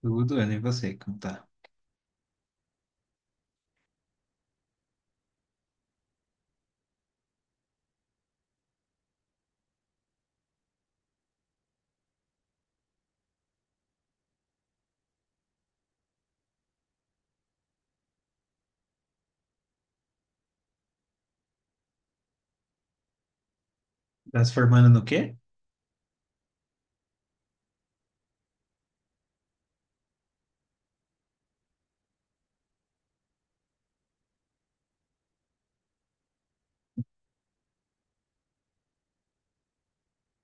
Tudo, Ana, e você, como tá? Tá se formando no quê?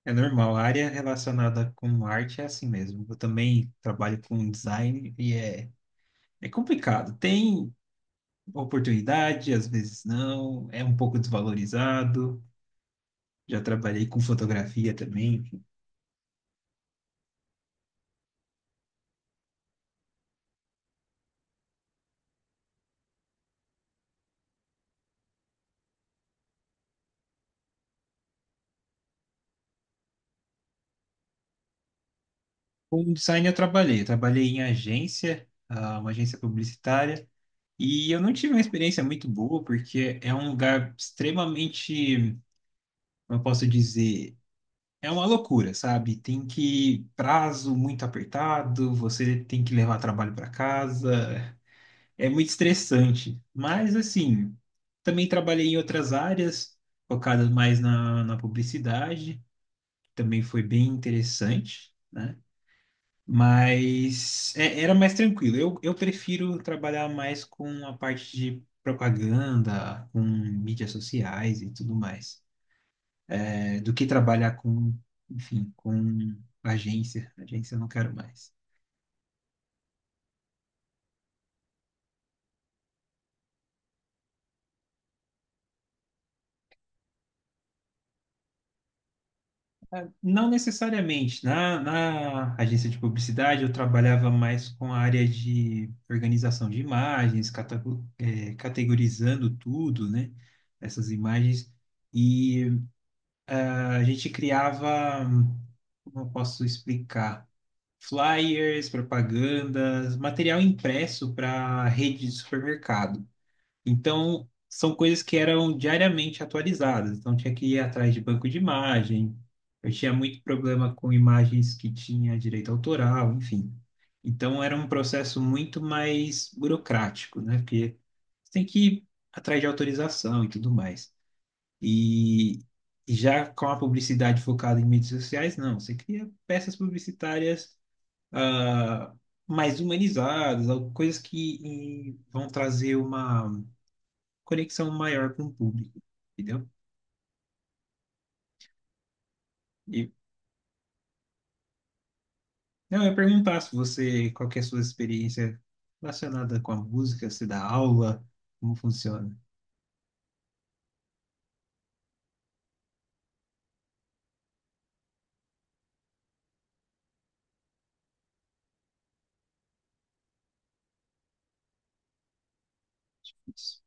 É normal, a área relacionada com arte é assim mesmo. Eu também trabalho com design e é complicado. Tem oportunidade, às vezes não, é um pouco desvalorizado. Já trabalhei com fotografia também, enfim. Com design eu trabalhei em agência, uma agência publicitária, e eu não tive uma experiência muito boa, porque é um lugar extremamente, como eu posso dizer? É uma loucura, sabe? Tem que prazo muito apertado, você tem que levar trabalho para casa. É muito estressante. Mas assim, também trabalhei em outras áreas, focado mais na publicidade, também foi bem interessante, né? Mas era mais tranquilo. Eu prefiro trabalhar mais com a parte de propaganda, com mídias sociais e tudo mais é, do que trabalhar com, enfim, com agência. Agência eu não quero mais. Não necessariamente. Na agência de publicidade, eu trabalhava mais com a área de organização de imagens, categorizando tudo, né? Essas imagens. E a gente criava, como eu posso explicar? Flyers, propagandas, material impresso para rede de supermercado. Então, são coisas que eram diariamente atualizadas. Então, tinha que ir atrás de banco de imagem. Eu tinha muito problema com imagens que tinha direito autoral, enfim. Então, era um processo muito mais burocrático, né? Porque você tem que ir atrás de autorização e tudo mais. E e já com a publicidade focada em mídias sociais, não. Você cria peças publicitárias, ah, mais humanizadas, coisas que vão trazer uma conexão maior com o público, entendeu? E não, eu ia perguntar se você, qual que é a sua experiência relacionada com a música, se dá aula, como funciona isso.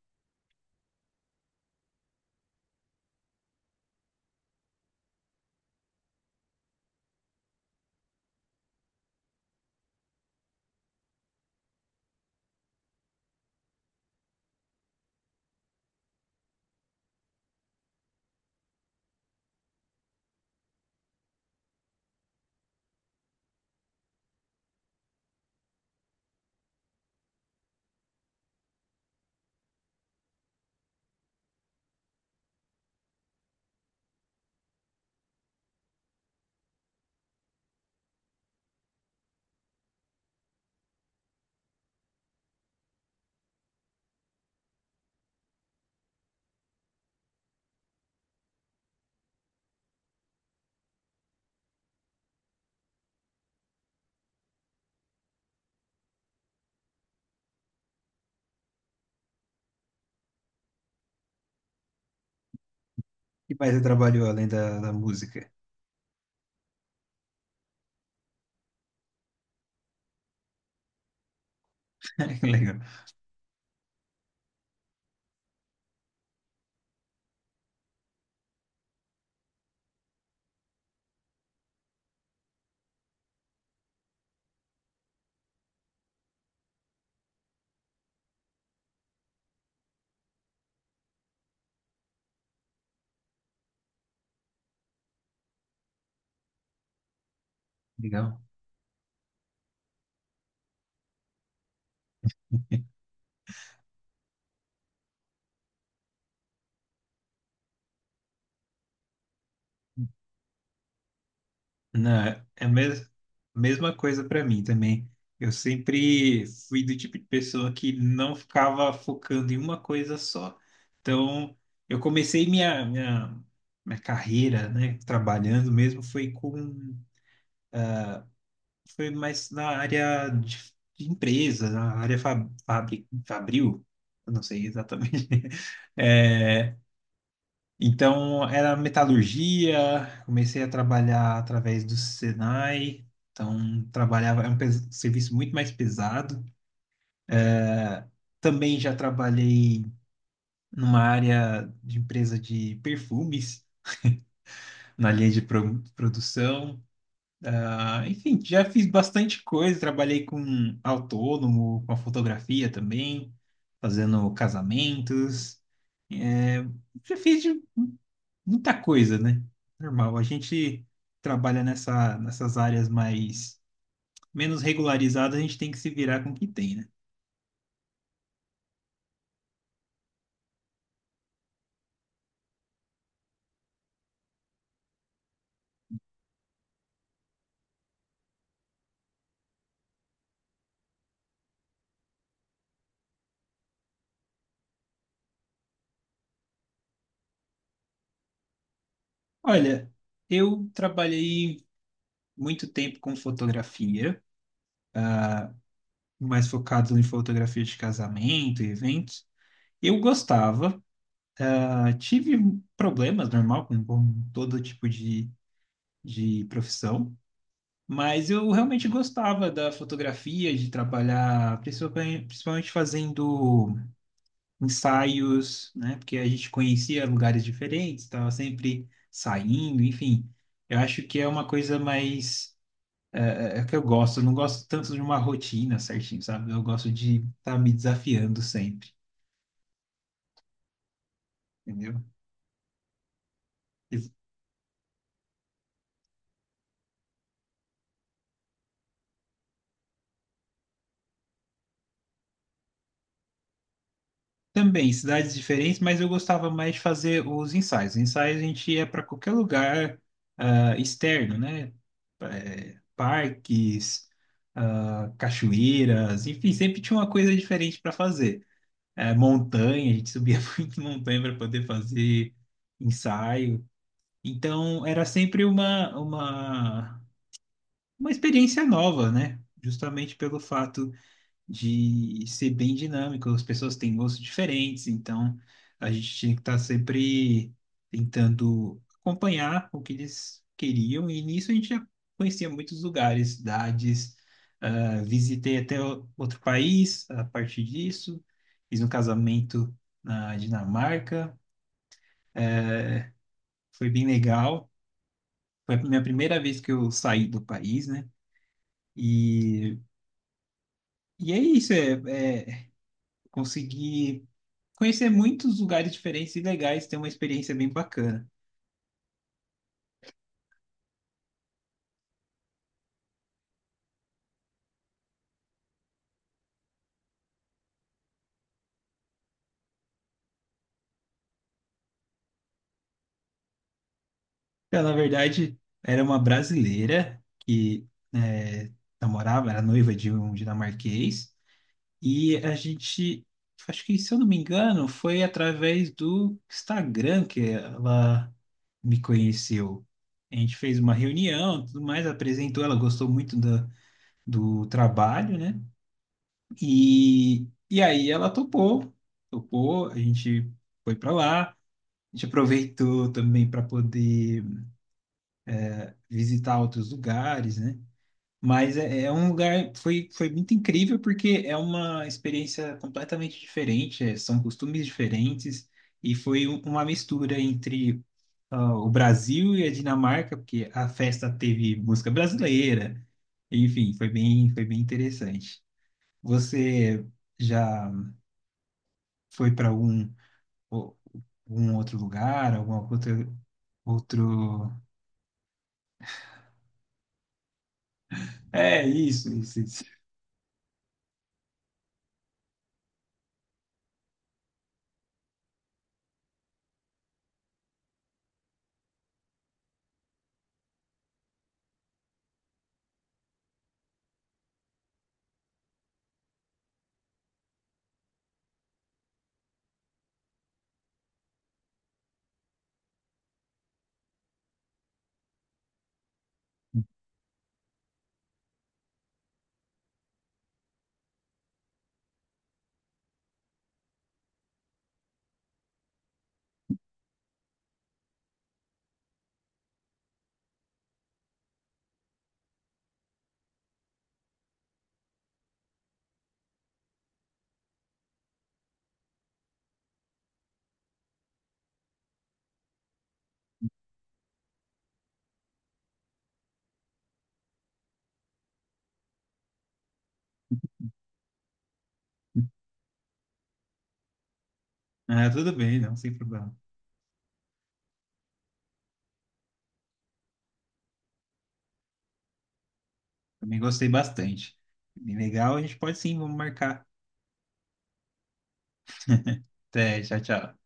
E mais você trabalhou além da música? Legal, legal. Não, é a mesma coisa para mim também. Eu sempre fui do tipo de pessoa que não ficava focando em uma coisa só. Então, eu comecei minha carreira, né, trabalhando mesmo, foi com foi mais na área de empresa, na área fabril, eu não sei exatamente. É, então, era metalurgia, comecei a trabalhar através do Senai, então trabalhava, é um serviço muito mais pesado. É, Também já trabalhei numa área de empresa de perfumes, na linha de produção. Enfim, já fiz bastante coisa, trabalhei com autônomo, com a fotografia também, fazendo casamentos, é, já fiz de muita coisa, né? Normal, a gente trabalha nessas áreas mais menos regularizadas, a gente tem que se virar com o que tem, né? Olha, eu trabalhei muito tempo com fotografia, mais focado em fotografia de casamento e eventos. Eu gostava. Ah, tive problemas, normal, com todo tipo de profissão, mas eu realmente gostava da fotografia, de trabalhar, principalmente fazendo ensaios, né? Porque a gente conhecia lugares diferentes, estava sempre saindo, enfim. Eu acho que é uma coisa mais. É que eu gosto, eu não gosto tanto de uma rotina certinho, sabe? Eu gosto de estar me desafiando sempre, entendeu? Também, cidades diferentes, mas eu gostava mais de fazer os ensaios. Ensaios a gente ia para qualquer lugar externo, né? Parques, cachoeiras, enfim, sempre tinha uma coisa diferente para fazer. Montanha, a gente subia muito montanha para poder fazer ensaio. Então, era sempre uma experiência nova, né? Justamente pelo fato de ser bem dinâmico. As pessoas têm gostos diferentes, então a gente tinha que estar sempre tentando acompanhar o que eles queriam, e nisso a gente já conhecia muitos lugares, cidades. Ah, visitei até outro país a partir disso, fiz um casamento na Dinamarca, foi bem legal. Foi a minha primeira vez que eu saí do país, né? E, e é isso, é, é consegui conhecer muitos lugares diferentes e legais, ter uma experiência bem bacana. Ela, na verdade, era uma brasileira que é, namorava, era noiva de um dinamarquês, e a gente, acho que, se eu não me engano, foi através do Instagram que ela me conheceu. A gente fez uma reunião, tudo mais, apresentou, ela gostou muito do, do trabalho, né? E aí ela topou, topou, a gente foi para lá, a gente aproveitou também para poder visitar outros lugares, né? Mas é um lugar, foi muito incrível porque é uma experiência completamente diferente, são costumes diferentes e foi uma mistura entre o Brasil e a Dinamarca, porque a festa teve música brasileira, enfim, foi bem interessante. Você já foi para o- algum outro lugar, alguma outra, outro? É, isso, isso, isso. Ah, tudo bem, não, sem problema. Também gostei bastante. Bem legal, a gente pode sim, vamos marcar. Até, tchau, tchau.